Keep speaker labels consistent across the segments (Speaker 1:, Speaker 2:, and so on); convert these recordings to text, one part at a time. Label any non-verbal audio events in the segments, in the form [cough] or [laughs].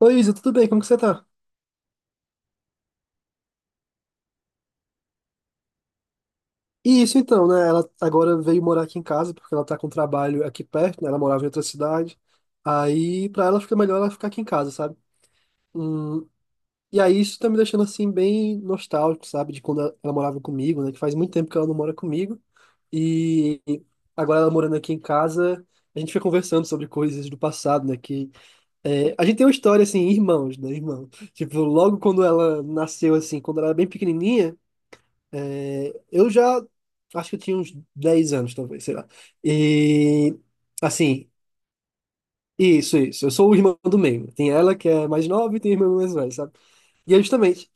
Speaker 1: Oi, Isa, tudo bem? Como que você tá? E isso então, né? Ela agora veio morar aqui em casa porque ela tá com trabalho aqui perto, né? Ela morava em outra cidade. Aí, pra ela fica melhor ela ficar aqui em casa, sabe? Hum, e aí isso tá me deixando assim bem nostálgico, sabe? De quando ela morava comigo, né? Que faz muito tempo que ela não mora comigo. E agora ela morando aqui em casa, a gente fica conversando sobre coisas do passado, né? Que é, a gente tem uma história assim, irmãos, né, irmão? Tipo, logo quando ela nasceu assim, quando ela era bem pequenininha. Eu já acho que eu tinha uns 10 anos, talvez, sei lá. E assim, isso, isso. Eu sou o irmão do meio. Tem ela que é mais nova e tem o irmão mais velho, sabe? E é justamente,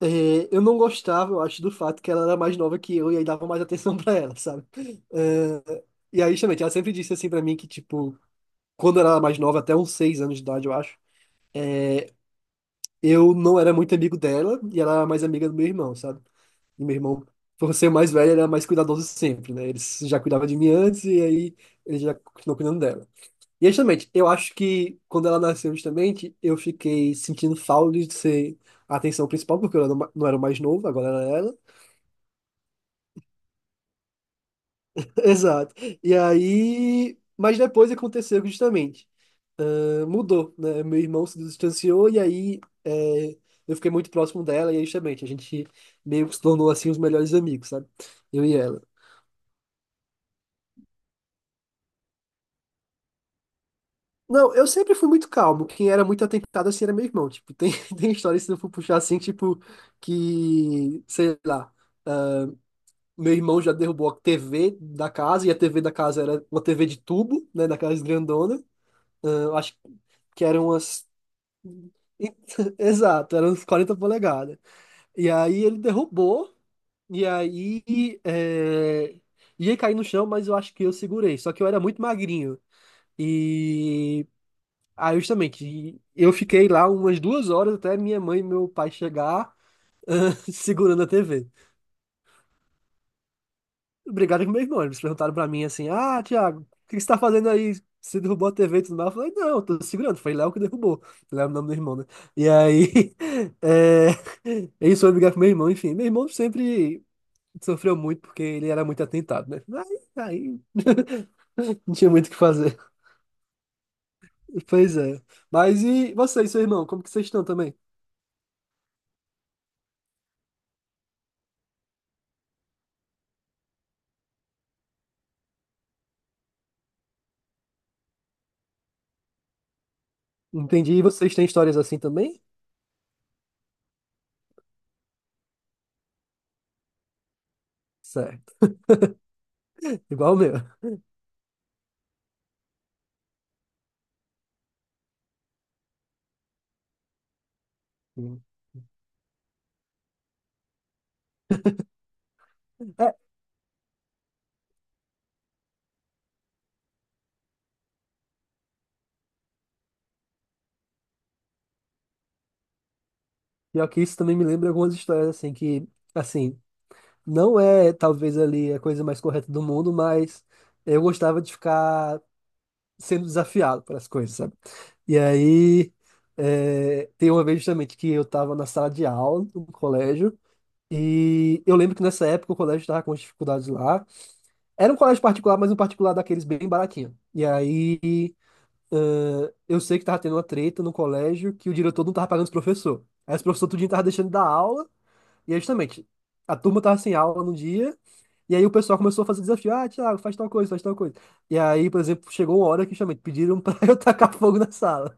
Speaker 1: eu não gostava, eu acho, do fato que ela era mais nova que eu e aí dava mais atenção [laughs] pra ela, sabe? Eh, e aí, justamente, ela sempre disse assim pra mim que, tipo, quando ela era mais nova, até uns 6 anos de idade, eu acho, eu não era muito amigo dela e ela era mais amiga do meu irmão, sabe? E meu irmão, por ser mais velho, ele era mais cuidadoso sempre, né? Ele já cuidava de mim antes e aí ele já continuou cuidando dela. E justamente, eu acho que quando ela nasceu, justamente, eu fiquei sentindo falta de ser a atenção principal, porque eu era não era o mais novo, agora era ela. [laughs] Exato. E aí. Mas depois aconteceu que justamente. Ah, mudou, né? Meu irmão se distanciou e aí eu fiquei muito próximo dela e aí justamente a gente meio que se tornou assim os melhores amigos, sabe? Eu e ela. Não, eu sempre fui muito calmo. Quem era muito atentado assim era meu irmão. Tipo, tem, [laughs] tem história, se eu for puxar assim, tipo, que, sei lá, meu irmão já derrubou a TV da casa, e a TV da casa era uma TV de tubo, né, daquelas grandona. Ah, eu acho que eram umas. [laughs] Exato, eram uns 40 polegadas. E aí ele derrubou, e aí é, ia cair no chão, mas eu acho que eu segurei. Só que eu era muito magrinho. E, ah, justamente, e eu fiquei lá umas 2 horas até minha mãe e meu pai chegar [laughs] segurando a TV. Obrigado com meu irmão. Eles perguntaram pra mim assim: Ah, Thiago, o que que você tá fazendo aí? Você derrubou a TV e tudo mais? Eu falei: Não, eu tô segurando. Foi Léo que derrubou. Léo é o nome do irmão, né? E aí. [laughs] É... Eles foram brigar com meu irmão. Enfim, meu irmão sempre sofreu muito porque ele era muito atentado, né? Aí, aí [laughs] não tinha muito o que fazer. Pois é. Mas e vocês seu irmão? Como que vocês estão também? Entendi. E vocês têm histórias assim também? Certo. [laughs] Igual o meu. Hum. É, pior que isso também me lembra algumas histórias, assim, que, assim, não é talvez ali a coisa mais correta do mundo, mas eu gostava de ficar sendo desafiado para as coisas, sabe? E aí, tem uma vez justamente que eu estava na sala de aula do colégio, e eu lembro que nessa época o colégio estava com as dificuldades lá. Era um colégio particular, mas um particular daqueles bem baratinho. E aí. Eu sei que tava tendo uma treta no colégio que o diretor não tava pagando os professores. Aí os professores tudinho tava deixando de dar aula, e aí justamente, a turma tava sem aula no dia, e aí o pessoal começou a fazer desafio. Ah, Thiago, faz tal coisa, faz tal coisa. E aí, por exemplo, chegou uma hora que justamente pediram pra [laughs] eu tacar fogo na sala.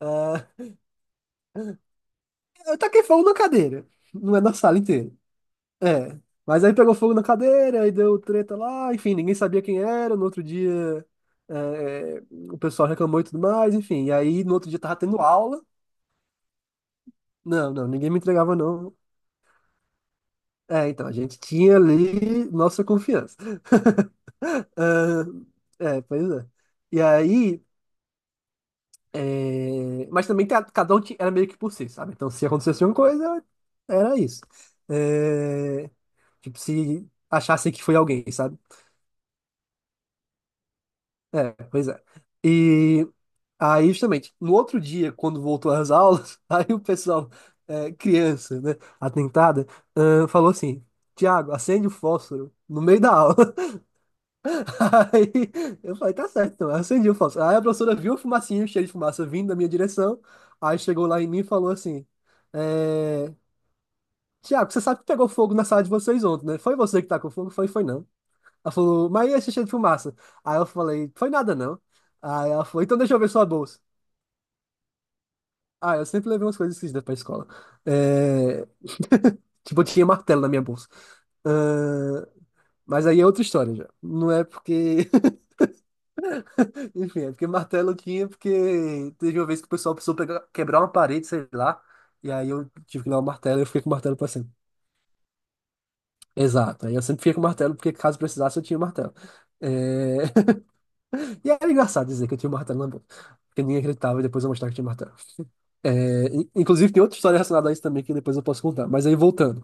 Speaker 1: Ah, eu taquei fogo na cadeira, não é na sala inteira. É, mas aí pegou fogo na cadeira, aí deu treta lá, enfim, ninguém sabia quem era, no outro dia. eh, eh, o pessoal reclamou e tudo mais, enfim. E aí, no outro dia, tava tendo aula. Não, não, ninguém me entregava, não. É, então, a gente tinha ali nossa confiança. Ah, é, pois é. E aí, mas também cada um era meio que por si, sabe? Então, se acontecesse uma coisa, era isso. É, tipo, se achasse que foi alguém, sabe? É, pois é. E aí, justamente, no outro dia, quando voltou às aulas, [laughs] aí o pessoal, criança, né, atentada, ah, falou assim: Tiago, acende o fósforo no meio da aula. Aí eu falei, tá certo, então. Aí eu acendi o fósforo. Aí a professora viu a fumacinha, o fumacinho, cheio de fumaça vindo da minha direção. Aí chegou lá em mim e falou assim: é... Tiago, você sabe que pegou fogo na sala de vocês ontem, né? Foi você que tá com fogo? Foi, foi não. Ela falou, mas e esse cheio de fumaça? Aí eu falei, foi nada não. Aí ela falou, então deixa eu ver sua bolsa. Ah, eu sempre levei umas coisas esquisitas pra escola. É... [laughs] Tipo, eu tinha martelo na minha bolsa. Ahn, Mas aí é outra história já. Não é porque. Enfim, é porque martelo tinha, porque teve uma vez que o pessoal precisou pegar, quebrar uma parede, sei lá, e aí eu tive que dar um martelo e eu fiquei com o martelo pra sempre. Exato, aí eu sempre fiquei com o martelo, porque caso precisasse eu tinha o martelo. É... [laughs] E era engraçado dizer que eu tinha o martelo na boca, porque ninguém acreditava e depois eu mostrava que tinha martelo. Inclusive tem outra história relacionada a isso também que depois eu posso contar, mas aí voltando.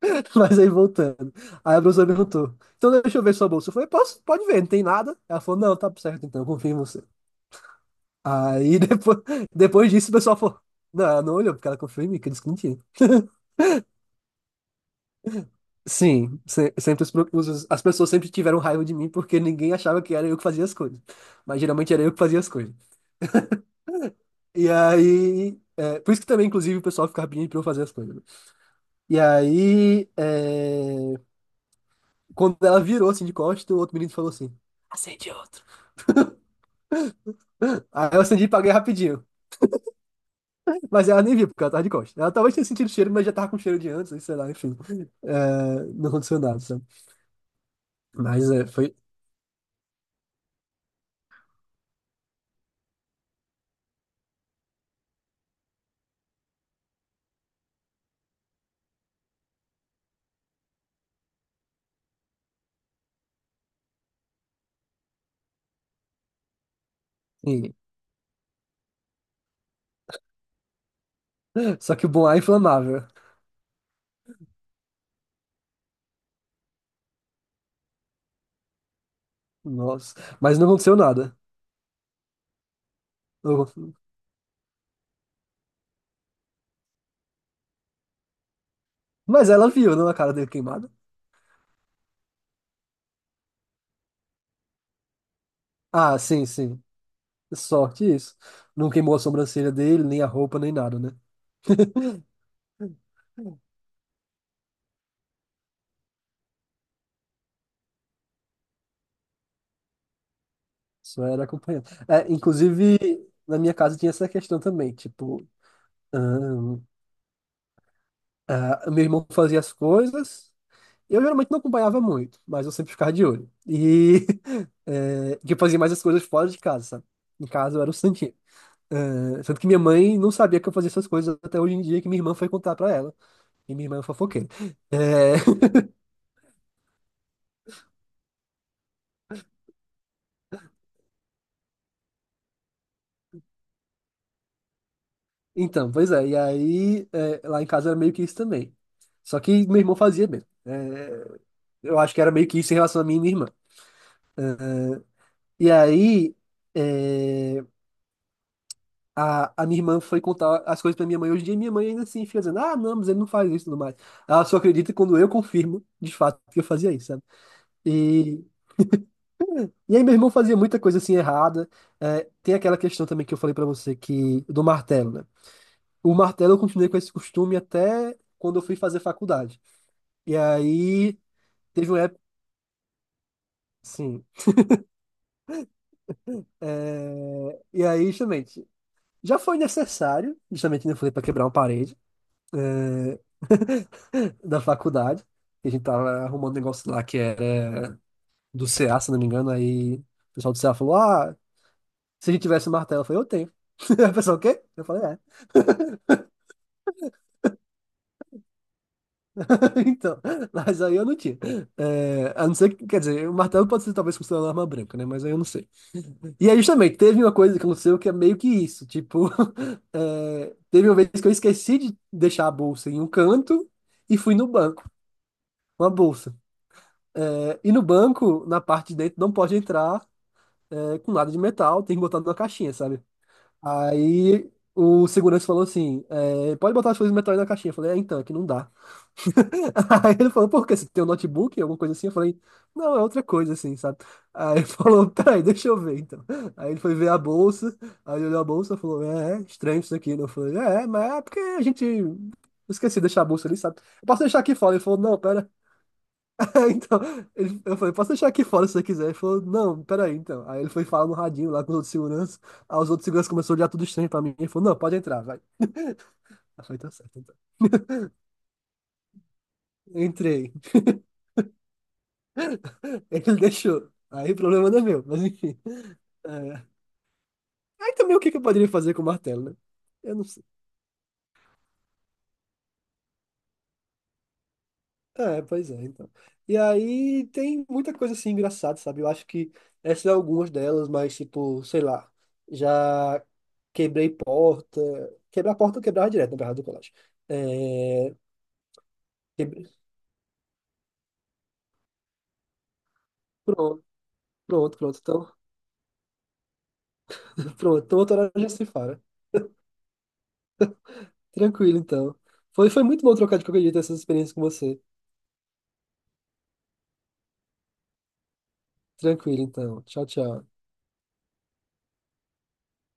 Speaker 1: [laughs] Mas aí voltando. Aí a professora perguntou, então deixa eu ver sua bolsa. Eu falei, posso, pode ver, não tem nada. Ela falou, não, tá certo então, confio em você. Aí depois, [laughs] depois disso o pessoal falou, não, não olhou, porque ela confiou em mim, que eu disse que não tinha. Sim, sempre as pessoas sempre tiveram raiva de mim porque ninguém achava que era eu que fazia as coisas. Mas geralmente era eu que fazia as coisas. E aí, por isso que também, inclusive, o pessoal ficava pedindo pra eu fazer as coisas, né? E aí, quando ela virou assim de costas, o outro menino falou assim: acende outro. [laughs] Aí eu acendi e paguei rapidinho. Mas ela nem viu, porque ela tava de costas. Ela talvez tenha sentido o cheiro, mas já tava com cheiro de antes, sei lá, enfim. É, não aconteceu nada, sabe? Mas é, foi. Sim. Só que o Boá é inflamável. Nossa. Mas não aconteceu nada. Eu- Mas ela viu, não, a cara dele queimada. Ah, sim, sim. Sorte isso. Não queimou a sobrancelha dele, nem a roupa, nem nada, né? Só era acompanhando. É, inclusive, na minha casa tinha essa questão também. Tipo, ahn, ah, meu irmão fazia as coisas. Eu geralmente não acompanhava muito, mas eu sempre ficava de olho. E [laughs] que eu fazia mais as coisas fora de casa, sabe? Em casa eu era o santinho. É, sendo que minha mãe não sabia que eu fazia essas coisas até hoje em dia, que minha irmã foi contar pra ela. E minha irmã é fofoqueira. É, [laughs] então, pois é. E aí, lá em casa era meio que isso também. Só que meu irmão fazia mesmo. É, eu acho que era meio que isso em relação a mim e minha irmã. É, e aí, é, a minha irmã foi contar as coisas pra minha mãe hoje em dia, e minha mãe ainda assim fica dizendo: Ah, não, mas ele não faz isso e tudo mais. Ela só acredita quando eu confirmo, de fato, que eu fazia isso, sabe? E E aí, meu irmão fazia muita coisa assim errada. É, tem aquela questão também que eu falei pra você, que do martelo, né? O martelo eu continuei com esse costume até quando eu fui fazer faculdade. E aí, teve uma época, sim. E aí, justamente, já foi necessário, justamente, né, eu falei pra quebrar uma parede, é, [laughs] da faculdade. Que a gente tava arrumando um negócio lá que era do CA, se não me engano. Aí o pessoal do CA falou: Ah, se a gente tivesse martelo, eu falei: Eu tenho. [laughs] Aí o pessoal, o quê? Eu falei: "É." [laughs] Então, mas aí eu não tinha. É, a não ser que, quer dizer, o martelo pode ser talvez considerado uma arma branca, né? Mas aí eu não sei. E aí justamente teve uma coisa que aconteceu que é meio que isso. Tipo, [laughs] teve uma vez que eu esqueci de deixar a bolsa em um canto e fui no banco, uma bolsa. É, e no banco, na parte de dentro, não pode entrar com nada de metal, tem que botar numa caixinha, sabe? Aí o segurança falou assim: pode botar as coisas de metal aí na caixinha. Eu falei: então, aqui não dá. Aí ele falou, por quê? Você tem um notebook, alguma coisa assim? Eu falei, não, é outra coisa assim, sabe? Aí ele [laughs] falou, peraí, deixa eu ver então. Aí ele foi ver a bolsa, aí ele olhou a bolsa e falou, é estranho isso aqui. Eu falei, mas é porque a gente Eu esqueci de deixar a bolsa ali, sabe? Eu posso deixar aqui fora. Ele falou, não, pera. [laughs] Então, eu falei, posso deixar aqui fora se você quiser. Ele falou, não, pera aí então. Aí ele foi falar no radinho lá com os outros seguranças, aí os outros seguranças começaram a olhar tudo estranho pra mim. Ele falou, não, pode entrar, vai. Eu falei, tá certo então. Entrei. [laughs] Ele deixou. Aí o problema não é meu, mas enfim. É. Aí também o que que eu poderia fazer com o martelo, né? Eu não sei. É, pois é, então. E aí tem muita coisa assim engraçada, sabe? Eu acho que essas são algumas delas, mas tipo, sei lá, já quebrei porta. Quebrar a porta eu quebrava direto, na verdade, do colégio. É... quebrei- Pronto, pronto, pronto. Então, [laughs] pronto. Então outra hora já se fala. Tranquilo, então. Foi, foi muito bom trocar de qualquer jeito essas experiências com você. Tranquilo, então. Tchau, tchau.